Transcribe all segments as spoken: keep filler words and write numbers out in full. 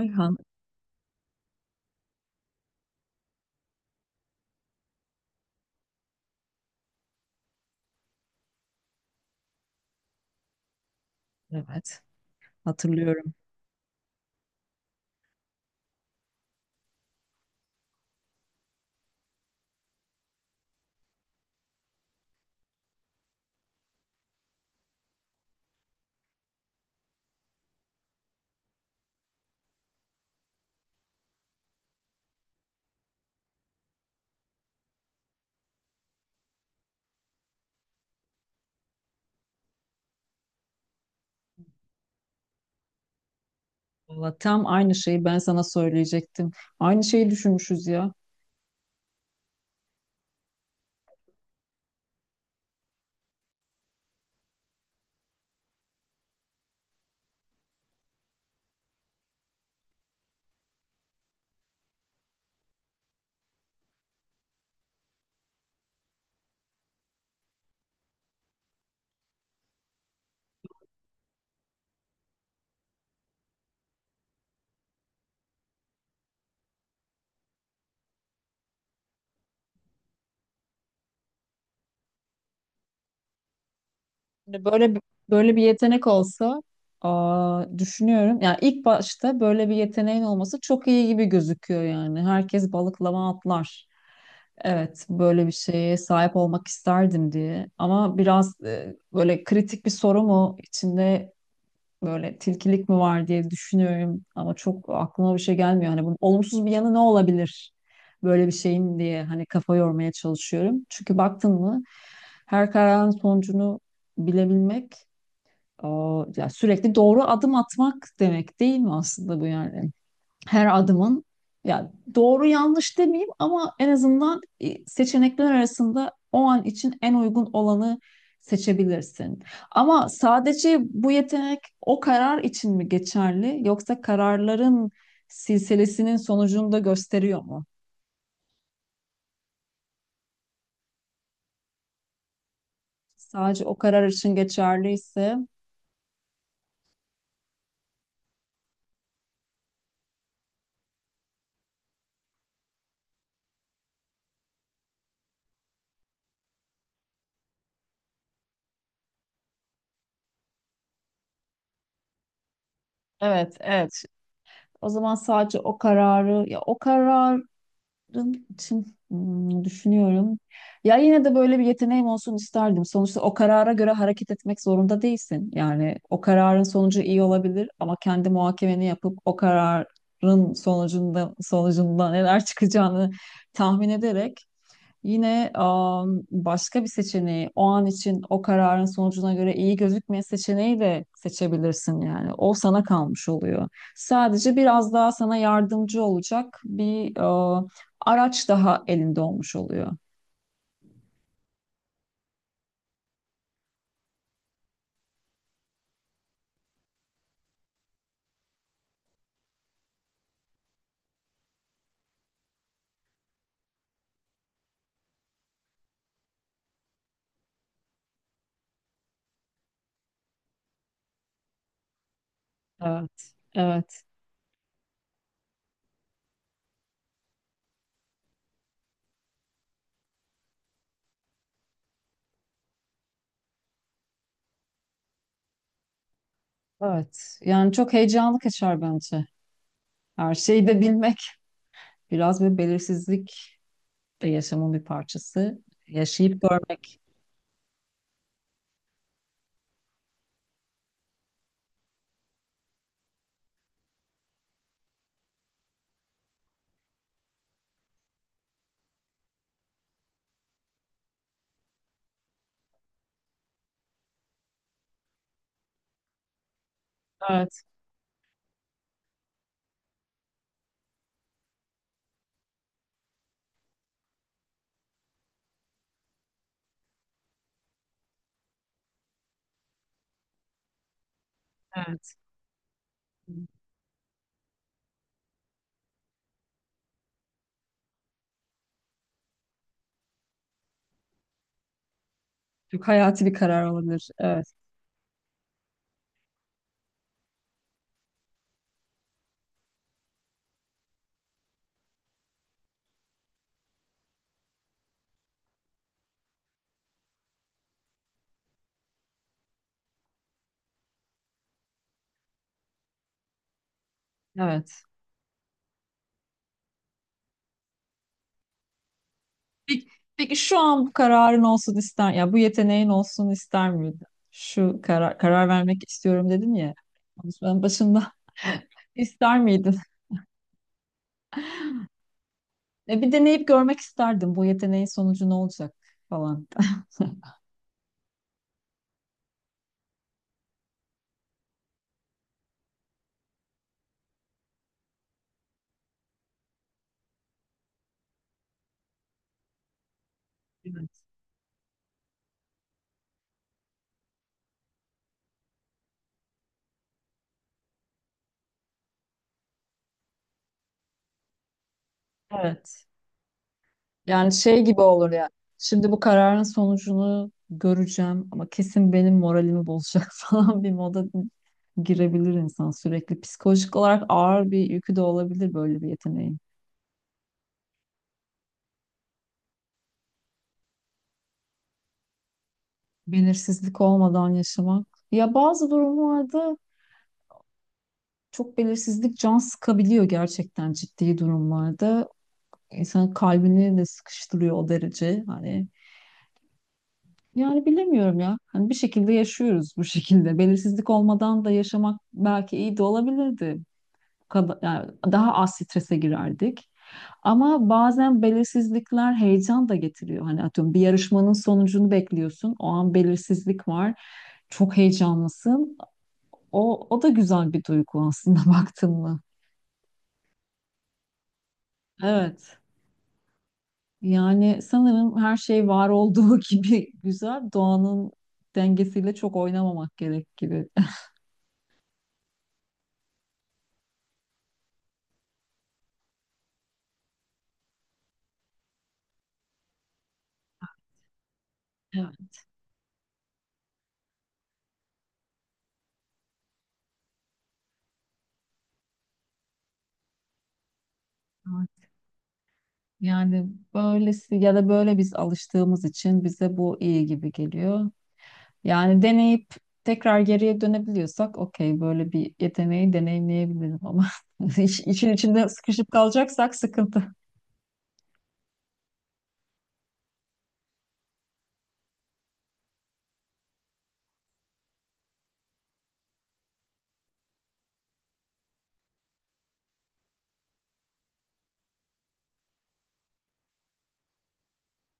Ayhan, evet hatırlıyorum. Valla tam aynı şeyi ben sana söyleyecektim. Aynı şeyi düşünmüşüz ya. Hani Böyle bir- Böyle bir yetenek olsa, aa, düşünüyorum. Yani ilk başta böyle bir yeteneğin olması çok iyi gibi gözüküyor yani. Herkes balıklama atlar. Evet, böyle bir şeye sahip olmak isterdim diye. Ama biraz e, böyle kritik bir soru mu içinde, böyle tilkilik mi var diye düşünüyorum ama çok aklıma bir şey gelmiyor. Hani bunun olumsuz bir yanı ne olabilir böyle bir şeyin diye, hani kafa yormaya çalışıyorum. Çünkü baktın mı, her kararın sonucunu bilebilmek o, ya sürekli doğru adım atmak demek değil mi aslında bu yani? Her adımın, ya doğru yanlış demeyeyim ama en azından e, seçenekler arasında o an için en uygun olanı seçebilirsin. Ama sadece bu yetenek o karar için mi geçerli, yoksa kararların silsilesinin sonucunu da gösteriyor mu? Sadece o karar için geçerliyse. Evet, evet. O zaman sadece o kararı, ya o kararın için, hmm, düşünüyorum. Ya yine de böyle bir yeteneğim olsun isterdim. Sonuçta o karara göre hareket etmek zorunda değilsin. Yani o kararın sonucu iyi olabilir ama kendi muhakemeni yapıp o kararın sonucunda sonucunda neler çıkacağını tahmin ederek. Yine am, başka bir seçeneği, o an için o kararın sonucuna göre iyi gözükmeyen seçeneği de seçebilirsin yani. O sana kalmış oluyor. Sadece biraz daha sana yardımcı olacak bir e, araç daha elinde olmuş oluyor. Evet, evet, evet. Yani çok heyecanlı kaçar bence. Her şeyi de bilmek, biraz bir belirsizlik de yaşamın bir parçası. Yaşayıp görmek. Evet, evet. Çok hayati bir karar olabilir. Evet. Evet. Peki, peki şu an bu kararın olsun ister, ya bu yeteneğin olsun ister miydin? Şu karar, karar vermek istiyorum dedin ya konuşmanın başında. ister miydin? E, bir deneyip görmek isterdim bu yeteneğin sonucu ne olacak falan. Evet. Evet. Yani şey gibi olur ya. Şimdi bu kararın sonucunu göreceğim ama kesin benim moralimi bozacak falan bir moda girebilir insan sürekli. Psikolojik olarak ağır bir yükü de olabilir böyle bir yeteneğin. Belirsizlik olmadan yaşamak. Ya bazı durumlarda çok belirsizlik can sıkabiliyor, gerçekten ciddi durumlarda. İnsanın kalbini de sıkıştırıyor o derece. Hani yani bilemiyorum ya. Hani bir şekilde yaşıyoruz bu şekilde. Belirsizlik olmadan da yaşamak belki iyi de olabilirdi. Yani daha az strese girerdik. Ama bazen belirsizlikler heyecan da getiriyor. Hani atıyorum, bir yarışmanın sonucunu bekliyorsun. O an belirsizlik var. Çok heyecanlısın. O, o da güzel bir duygu aslında baktın mı? Evet. Yani sanırım her şey var olduğu gibi güzel. Doğanın dengesiyle çok oynamamak gerek gibi. Evet. Evet. Yani böylesi, ya da böyle biz alıştığımız için bize bu iyi gibi geliyor. Yani deneyip tekrar geriye dönebiliyorsak okey, böyle bir yeteneği deneyimleyebilirim ama iş- işin içinde sıkışıp kalacaksak sıkıntı.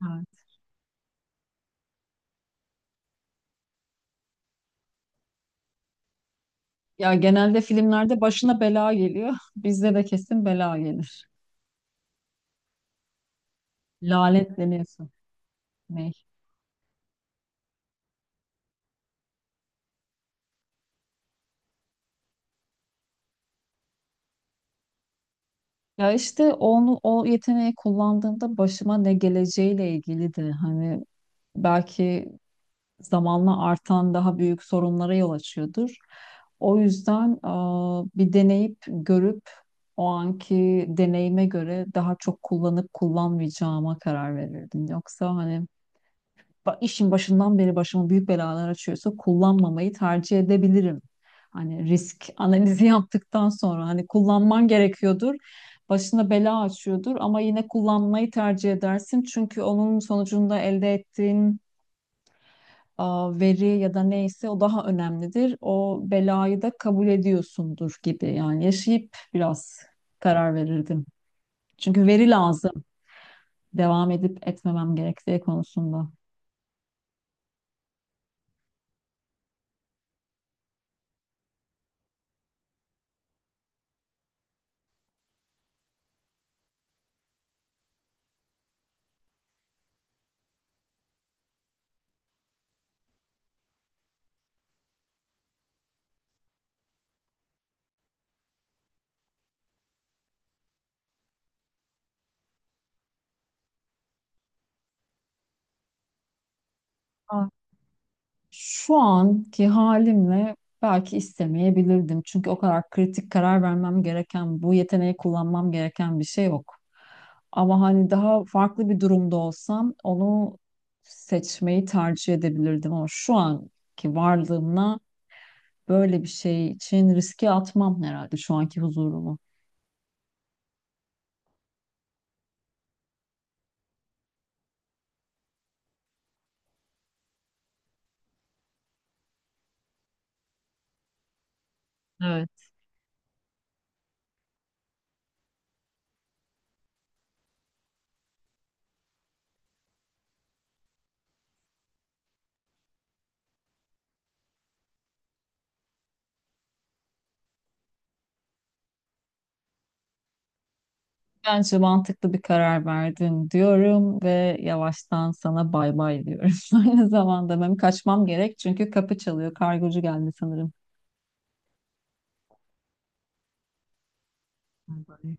Evet. Ya genelde filmlerde başına bela geliyor. Bizde de kesin bela gelir. Lanetleniyorsun. Ne? Ya işte onu, o yeteneği kullandığımda başıma ne geleceğiyle ilgili de hani belki zamanla artan daha büyük sorunlara yol açıyordur. O yüzden aa, bir deneyip görüp o anki deneyime göre daha çok kullanıp kullanmayacağıma karar verirdim. Yoksa hani ba- işin başından beri başıma büyük belalar açıyorsa kullanmamayı tercih edebilirim. Hani risk analizi yaptıktan sonra hani kullanman gerekiyordur. Başına bela açıyordur ama yine kullanmayı tercih edersin. Çünkü onun sonucunda elde ettiğin a, veri ya da neyse o daha önemlidir. O belayı da kabul ediyorsundur gibi. Yani yaşayıp biraz karar verirdim. Çünkü veri lazım. Devam edip etmemem gerektiği konusunda. Şu anki halimle belki istemeyebilirdim. Çünkü o kadar kritik karar vermem gereken, bu yeteneği kullanmam gereken bir şey yok. Ama hani daha farklı bir durumda olsam onu seçmeyi tercih edebilirdim. Ama şu anki varlığımla böyle bir şey için riske atmam herhalde şu anki huzurumu. Bence mantıklı bir karar verdin diyorum ve yavaştan sana bay bay diyorum. Aynı zamanda benim kaçmam gerek çünkü kapı çalıyor. Kargocu geldi sanırım. Bay bay.